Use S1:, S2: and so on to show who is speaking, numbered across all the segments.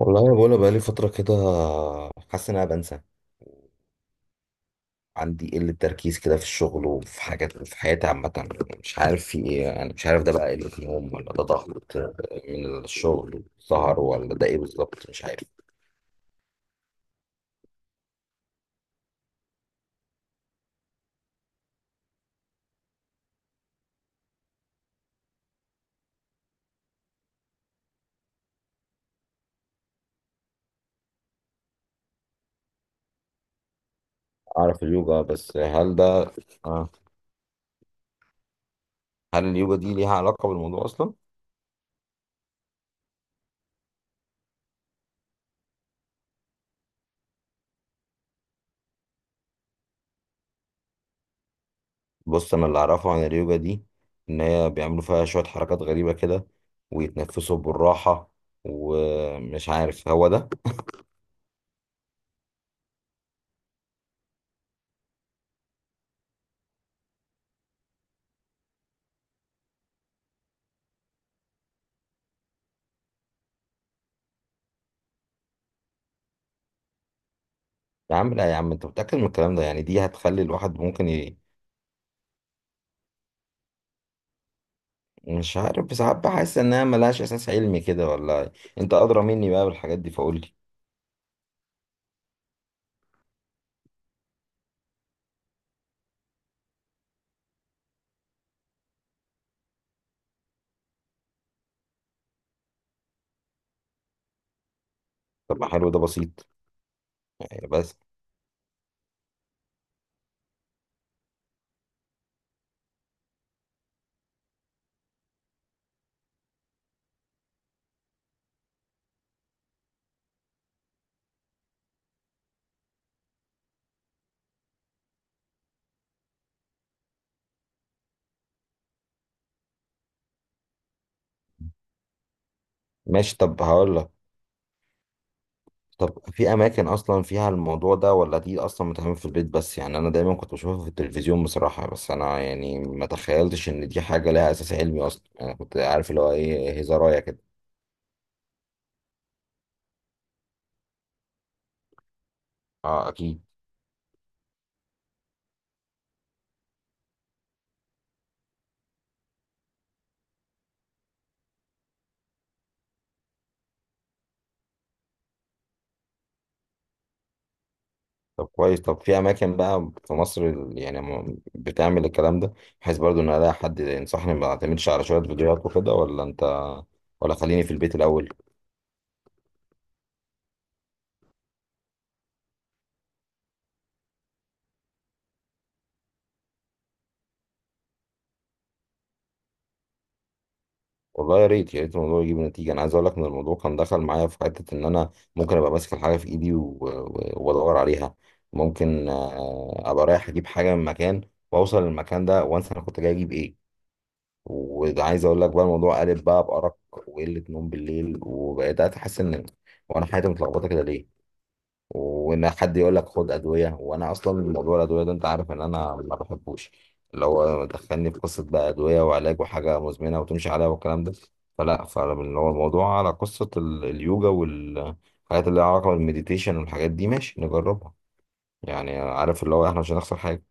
S1: والله انا بقولها بقالي فتره كده. حاسس ان انا بنسى. عندي قله تركيز كده في الشغل وفي حاجات في حياتي عامه. مش عارف في ايه، يعني مش عارف ده بقى قله نوم ولا ده ضغط من الشغل، سهر ولا ده ايه بالظبط، مش عارف. اعرف اليوجا، بس هل ده آه. هل اليوجا دي ليها علاقه بالموضوع اصلا؟ بص انا اللي اعرفه عن اليوجا دي ان هي بيعملوا فيها شويه حركات غريبه كده، ويتنفسوا بالراحه، ومش عارف هو ده. يا عم لا يا عم، انت متأكد من الكلام ده؟ يعني دي هتخلي الواحد ممكن مش عارف، ساعات بحس انها ملهاش اساس علمي كده ولا. انت ادرى مني بقى بالحاجات دي، فقول لي. طب ما حلو، ده بسيط يعني بس. ماشي، طب هقول لك. طب في اماكن اصلا فيها الموضوع ده ولا دي اصلا بتعمل في البيت بس؟ يعني انا دايما كنت بشوفها في التلفزيون بصراحة، بس انا يعني ما تخيلتش ان دي حاجة لها اساس علمي اصلا. يعني انا كنت عارف اللي هو ايه، هزارايه كده. اه اكيد. طب كويس، طب في اماكن بقى في مصر بتعمل الكلام ده؟ بحيث برضو ان الاقي حد ينصحني، ما اعتمدش على شويه فيديوهات وكده، ولا انت؟ ولا خليني في البيت الاول. والله يا ريت يا ريت الموضوع يجيب نتيجه. انا عايز اقول لك ان الموضوع كان دخل معايا في حته ان انا ممكن ابقى ماسك الحاجه في ايدي و- و- وادور عليها. ممكن ابقى رايح اجيب حاجه من مكان، واوصل للمكان ده وانسى انا كنت جاي اجيب ايه. وعايز اقول لك بقى الموضوع قلب بقى بارق وقله نوم بالليل، وبقيت احس ان وانا حياتي متلخبطه كده ليه. وان حد يقول لك خد ادويه، وانا اصلا موضوع الادويه ده انت عارف ان انا ما بحبوش. اللي هو دخلني في قصه بقى ادويه وعلاج وحاجه مزمنه وتمشي عليها والكلام ده. فلا، فاللي هو الموضوع على قصه اليوجا والحاجات اللي لها علاقه بالمديتيشن والحاجات دي، ماشي نجربها. يعني عارف اللي هو احنا مش هنخسر حاجه.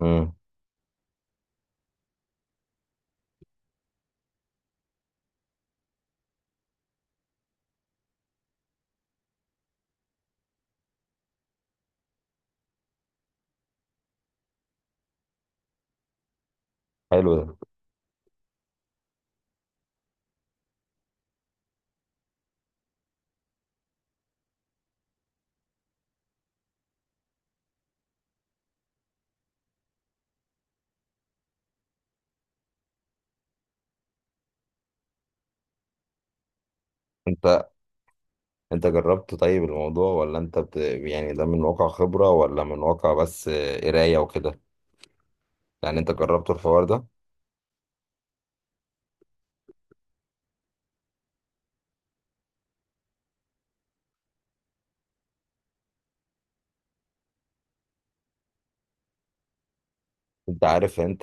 S1: امم. حلو ده. انت انت جربت طيب الموضوع ولا يعني ده من واقع خبره ولا من واقع بس قرايه وكده؟ يعني انت جربت الحوار ده؟ انت عارف، انت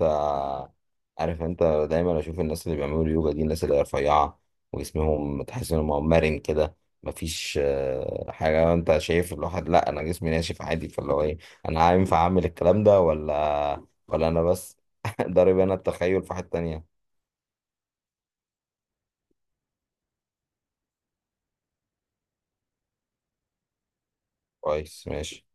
S1: عارف انت دايما اشوف الناس اللي بيعملوا يوجا دي الناس اللي هي رفيعه، وجسمهم تحس انهم مرن كده. مفيش حاجه، انت شايف الواحد؟ لا انا جسمي ناشف عادي، فاللي هو ايه، انا ينفع اعمل الكلام ده ولا انا بس ضارب انا التخيل في حته تانية. كويس ماشي.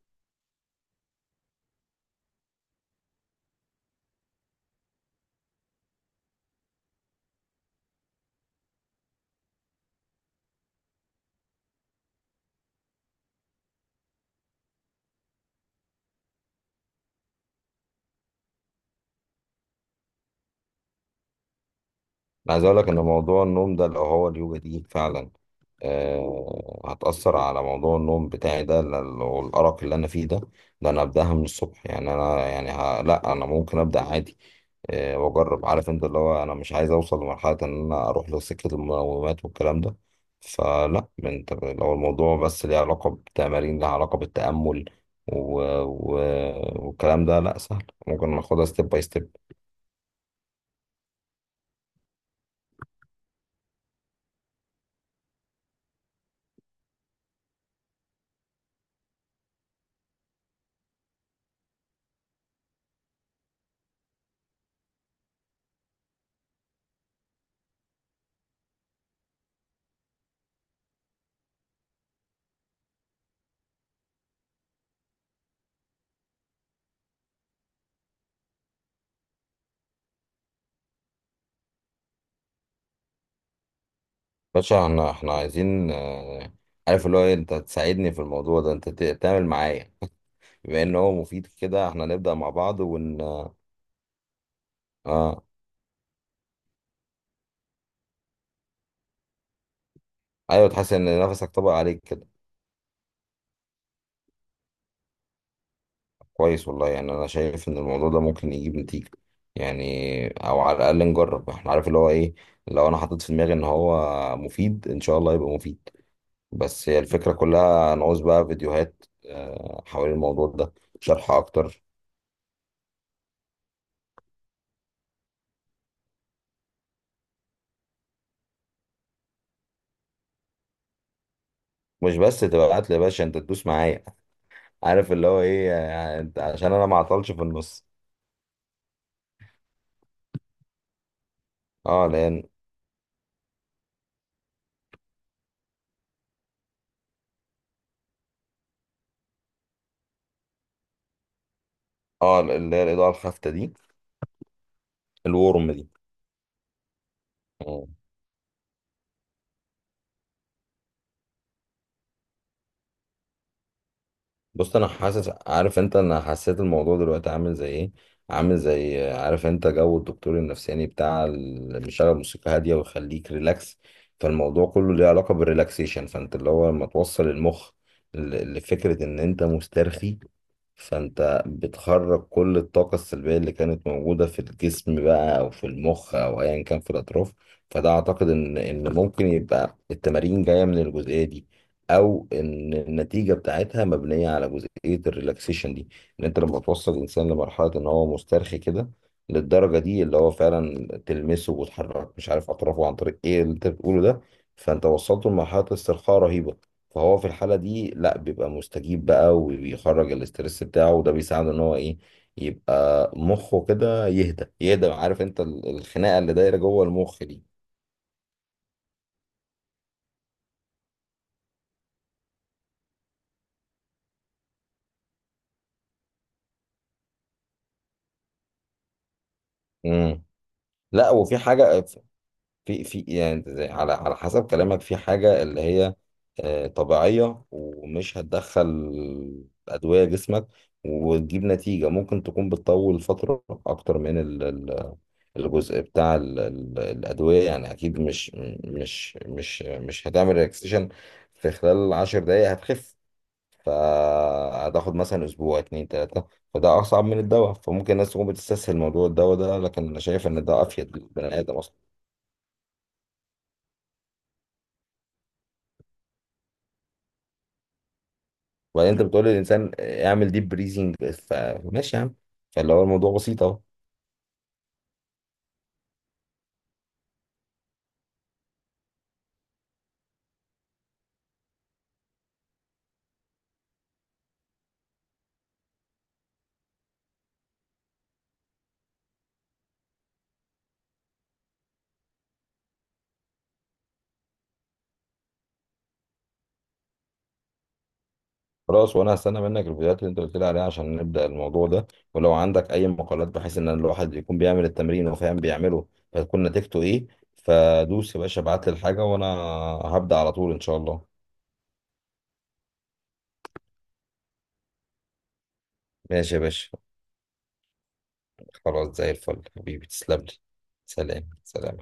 S1: انا عايز اقول لك ان موضوع النوم ده لو هو اليوجا دي فعلا هتأثر على موضوع النوم بتاعي ده، والأرق اللي أنا فيه ده، ده أنا أبدأها من الصبح. يعني أنا يعني لأ أنا ممكن أبدأ عادي. أه، وأجرب. عارف أنت، اللي هو أنا مش عايز أوصل لمرحلة إن أنا أروح لسكة المنومات والكلام ده. فلأ، لو الموضوع بس ليه علاقة بتمارين لها علاقة بالتأمل و... و... والكلام ده، لأ سهل، ممكن ناخدها ستيب باي ستيب. باشا احنا عايزين، عارف اللي هو أنت تساعدني في الموضوع ده، أنت تعمل معايا. بما ان هو مفيد كده، احنا نبدأ مع بعض ون. اه ايوه، تحس ان نفسك طبق عليك كده. كويس والله، يعني انا شايف ان الموضوع ده ممكن يجيب نتيجة. يعني او على الاقل نجرب، احنا عارف اللي هو ايه، لو انا حطيت في دماغي ان هو مفيد ان شاء الله يبقى مفيد. بس هي الفكرة كلها، نعوز بقى فيديوهات حوالين الموضوع ده، شرح اكتر. مش بس تبعت لي يا باشا، انت تدوس معايا. عارف اللي هو ايه، انت عشان انا ما اعطلش في النص. اه لان. اه اللي هي الاضاءة الخافتة دي، الورم دي. مم. بص انا حاسس، عارف انت، انا حسيت الموضوع دلوقتي عامل زي ايه، عامل زي، عارف انت، جو الدكتور النفساني بتاع اللي بيشغل موسيقى هاديه ويخليك ريلاكس. فالموضوع كله ليه علاقه بالريلاكسيشن. فانت اللي هو لما توصل المخ لفكره ان انت مسترخي، فانت بتخرج كل الطاقه السلبيه اللي كانت موجوده في الجسم بقى، او في المخ، او ايا كان في الاطراف. فده اعتقد ان ممكن يبقى التمارين جايه من الجزئيه دي، او ان النتيجه بتاعتها مبنيه على جزئيه الريلاكسيشن دي. ان انت لما توصل الانسان لمرحله ان هو مسترخي كده، للدرجه دي اللي هو فعلا تلمسه وتحرك مش عارف اطرافه عن طريق ايه اللي انت بتقوله ده، فانت وصلته لمرحله استرخاء رهيبه. فهو في الحاله دي لا، بيبقى مستجيب بقى وبيخرج الاسترس بتاعه، وده بيساعده ان هو ايه، يبقى مخه كده يهدى يهدى. عارف انت الخناقه اللي دايره جوه المخ دي. امم. لا، وفي حاجه، في يعني على حسب كلامك، في حاجة اللي هي طبيعية ومش هتدخل أدوية جسمك، وتجيب نتيجة ممكن تكون بتطول فترة أكتر من الجزء بتاع الأدوية. يعني أكيد مش هتعمل ريلاكسيشن في خلال 10 دقايق هتخف. فهتاخد مثلا أسبوع 2، 3. فده أصعب من الدواء. فممكن الناس تكون بتستسهل موضوع الدواء ده، لكن أنا شايف إن ده أفيد للبني آدم أصلا. وبعدين انت بتقول للانسان اعمل ديب بريزنج، فماشي يا عم. فاللي هو الموضوع بسيط اهو. خلاص، وانا هستنى منك الفيديوهات اللي انت قلت لي عليها عشان نبدا الموضوع ده. ولو عندك اي مقالات، بحيث ان الواحد يكون بيعمل التمرين وفاهم بيعمله، فتكون نتيجته ايه. فدوس يا باشا، ابعت لي الحاجه وانا هبدا على طول ان شاء الله. ماشي يا باشا، خلاص زي الفل حبيبي، تسلم لي. سلام سلام.